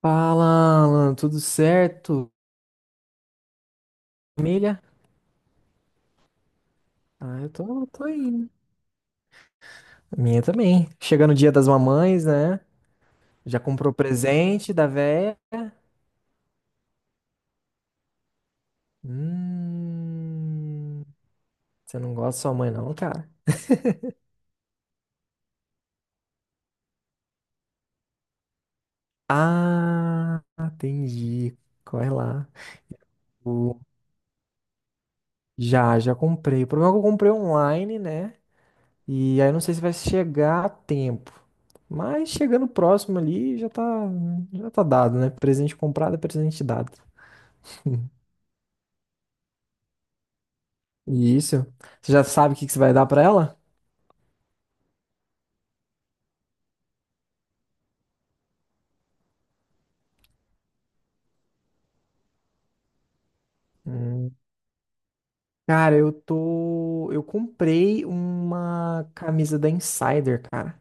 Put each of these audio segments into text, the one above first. Fala, Alan, tudo certo? Família? Ah, eu tô indo. A minha também. Chegando o dia das mamães, né? Já comprou presente da véia? Hum, Você não gosta da sua mãe, não, cara? Ah, entendi. Corre lá. O- Já, já comprei. O problema é que eu comprei online, né? E aí eu não sei se vai chegar a tempo. Mas chegando próximo ali, já tá dado, né? Presente comprado é presente dado. Isso. Você já sabe o que que você vai dar pra ela? Hum. Cara, eu tô. Eu comprei uma camisa da Insider, cara.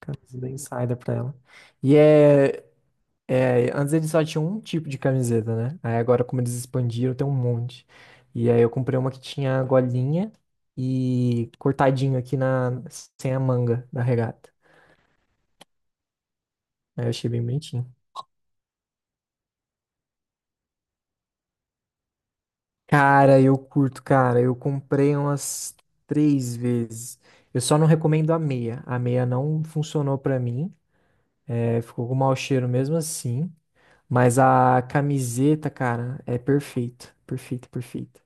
Camisa da Insider pra ela. E é. Antes eles só tinham um tipo de camiseta, né? Aí agora, como eles expandiram, tem um monte. E aí eu comprei uma que tinha golinha e cortadinho aqui na sem a manga da regata. Aí eu achei bem bonitinho. Cara, eu curto, cara. Eu comprei umas três vezes. Eu só não recomendo a meia. A meia não funcionou pra mim. É, ficou com mau cheiro mesmo assim. Mas a camiseta, cara, é perfeita. Perfeita, perfeita.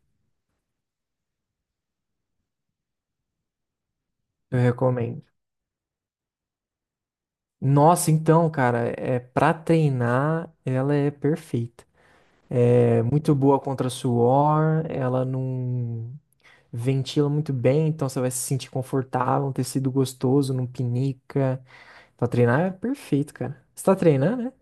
Eu recomendo. Nossa, então, cara, é para treinar, ela é perfeita. É muito boa contra suor, ela não ventila muito bem, então você vai se sentir confortável, um tecido gostoso, não pinica. Pra treinar é perfeito, cara. Você tá treinando, né?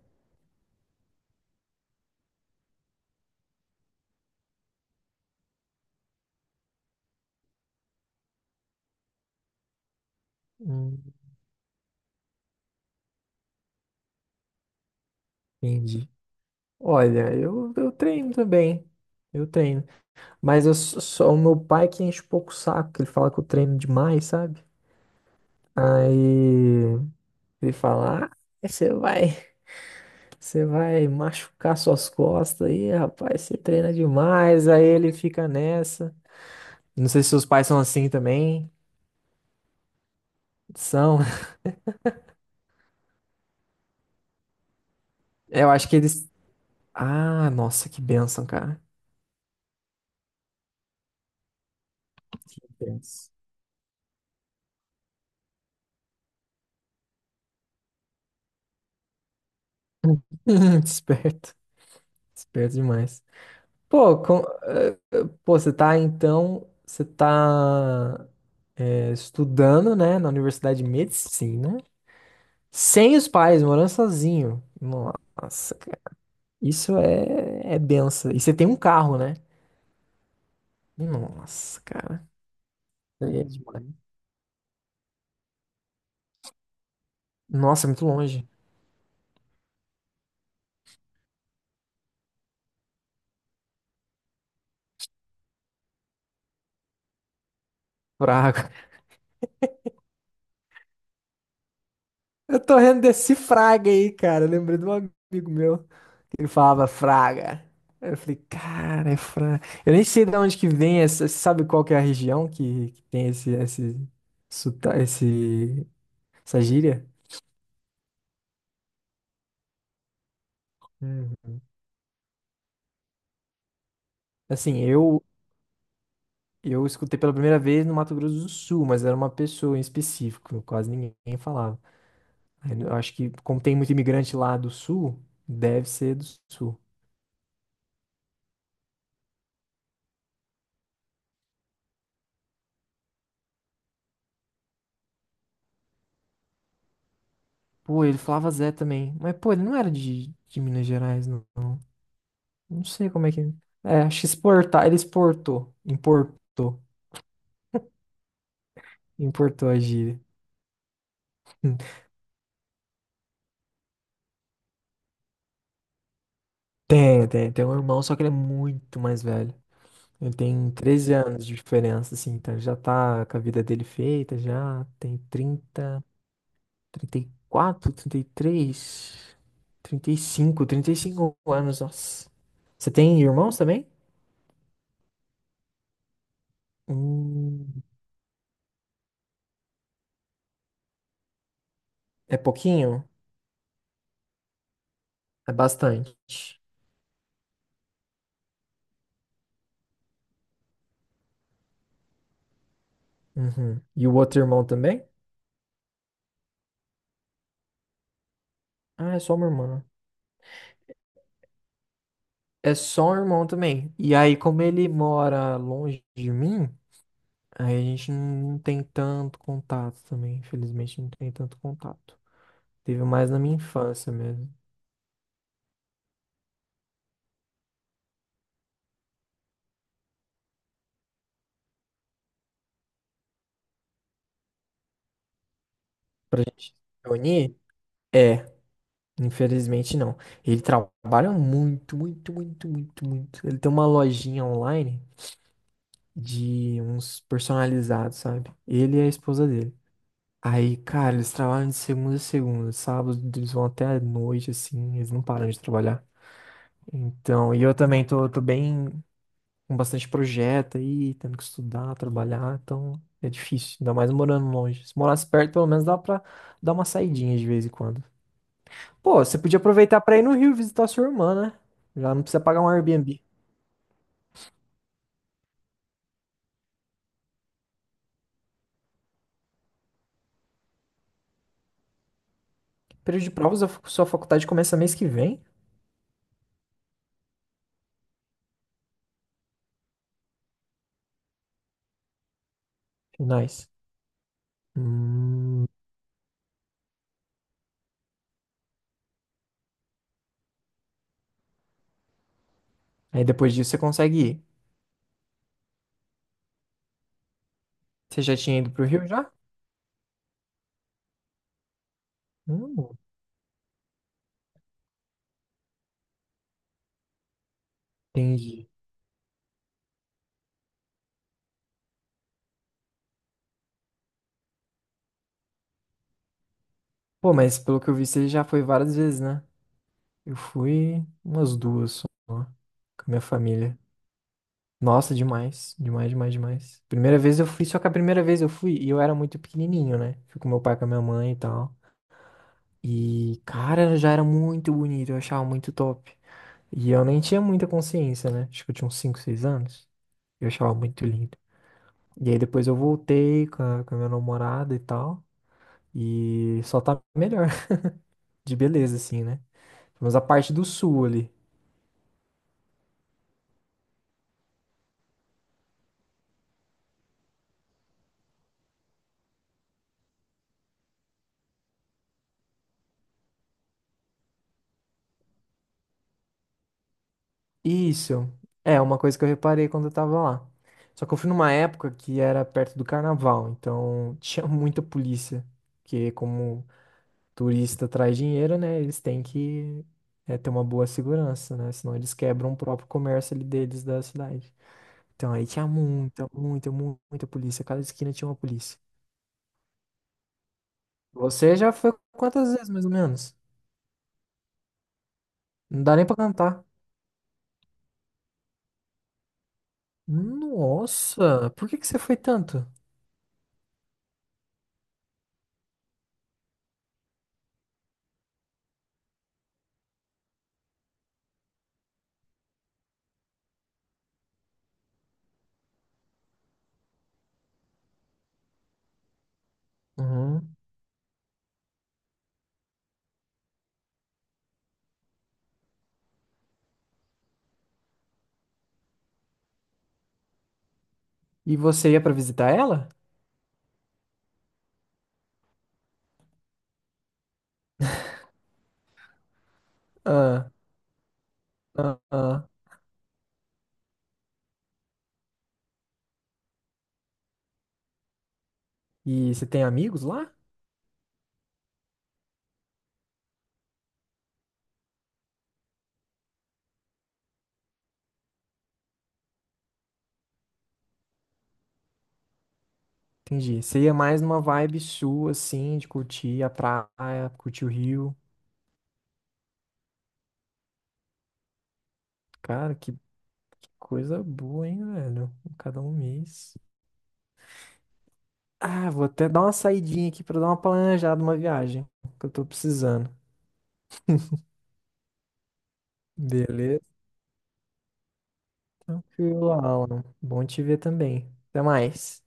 Hum, Entendi. Olha, eu treino também. Eu treino. O meu pai que enche um pouco o saco, que ele fala que eu treino demais, sabe? Aí ele fala: Ah, você vai, você vai machucar suas costas aí, rapaz, você treina demais. Aí ele fica nessa. Não sei se seus pais são assim também. São. Eu acho que eles. Ah, nossa, que bênção, cara. Que bênção. Esperto. Esperto demais. Pô, pô, você tá estudando, né, na Universidade de Medicina, sem os pais, morando sozinho. Nossa, cara, isso é benção. E você tem um carro, né? Nossa, cara, é demais. Nossa, é muito longe. Fraga. Eu tô rendendo desse fraga aí, cara. Eu lembrei de um amigo meu. Ele falava Fraga. Aí eu falei, cara, é Fraga. Eu nem sei de onde que vem essa. Você sabe qual que é a região que tem sota- esse, essa gíria? Uhum. Assim, eu escutei pela primeira vez no Mato Grosso do Sul, mas era uma pessoa em específico, quase ninguém falava. Aí eu acho que, como tem muito imigrante lá do Sul, deve ser do Sul. Pô, ele falava Zé também. Mas, pô, ele não era de Minas Gerais, não. Não sei como é que. Acho que exportar. Ele exportou. Importou. Importou a gíria. Tem, tem. Tem um irmão, só que ele é muito mais velho. Ele tem 13 anos de diferença, assim. Então ele já tá com a vida dele feita, já tem 30, trinta trinta trinta e quatro, três, 35 anos. Nossa. Você tem irmãos também? Hum, é pouquinho? É bastante. Uhum. E o outro irmão também? Ah, é só uma irmã. É só um irmão também. E aí, como ele mora longe de mim, aí a gente não tem tanto contato também. Infelizmente, não tem tanto contato. Teve mais na minha infância mesmo. Pra gente se reunir? É, infelizmente não. Ele trabalha muito, muito, muito, muito, muito. Ele tem uma lojinha online de uns personalizados, sabe? Ele e a esposa dele. Aí, cara, eles trabalham de segunda a segunda. Sábado, eles vão até a noite, assim. Eles não param de trabalhar. Então, e eu também tô bem com bastante projeto aí, tendo que estudar, trabalhar, então é difícil, ainda mais morando longe. Se morasse perto, pelo menos dá pra dar uma saidinha de vez em quando. Pô, você podia aproveitar pra ir no Rio visitar sua irmã, né? Já não precisa pagar um Airbnb. Período de provas, a sua faculdade começa mês que vem. Finais. Hum, aí depois disso você consegue ir. Você já tinha ido pro Rio já? Hum, entendi. Pô, mas pelo que eu vi, você já foi várias vezes, né? Eu fui umas duas só, com a minha família. Nossa, demais, demais, demais, demais. Primeira vez eu fui, só que a primeira vez eu fui e eu era muito pequenininho, né? Fui com meu pai, com a minha mãe e tal. E, cara, já era muito bonito, eu achava muito top. E eu nem tinha muita consciência, né? Acho que eu tinha uns 5 6 anos. Eu achava muito lindo. E aí depois eu voltei com a minha namorada e tal. E só tá melhor de beleza, assim, né? Mas a parte do sul ali. Isso. É uma coisa que eu reparei quando eu tava lá. Só que eu fui numa época que era perto do carnaval, então tinha muita polícia. Porque como turista traz dinheiro, né? Eles têm que ter uma boa segurança, né? Senão eles quebram o próprio comércio ali deles da cidade. Então aí tinha muita, muita, muita polícia. Cada esquina tinha uma polícia. Você já foi quantas vezes, mais ou menos? Não dá nem pra cantar. Nossa, por que que você foi tanto? Uhum. E você ia pra visitar ela? Ah, ah, ah. E você tem amigos lá? Entendi. Você ia mais numa vibe sua, assim, de curtir a praia, curtir o rio. Cara, que coisa boa, hein, velho? Cada um mês. Ah, vou até dar uma saidinha aqui pra dar uma planejada, uma viagem que eu tô precisando. Beleza? Tranquilo, Alan. Bom te ver também. Até mais.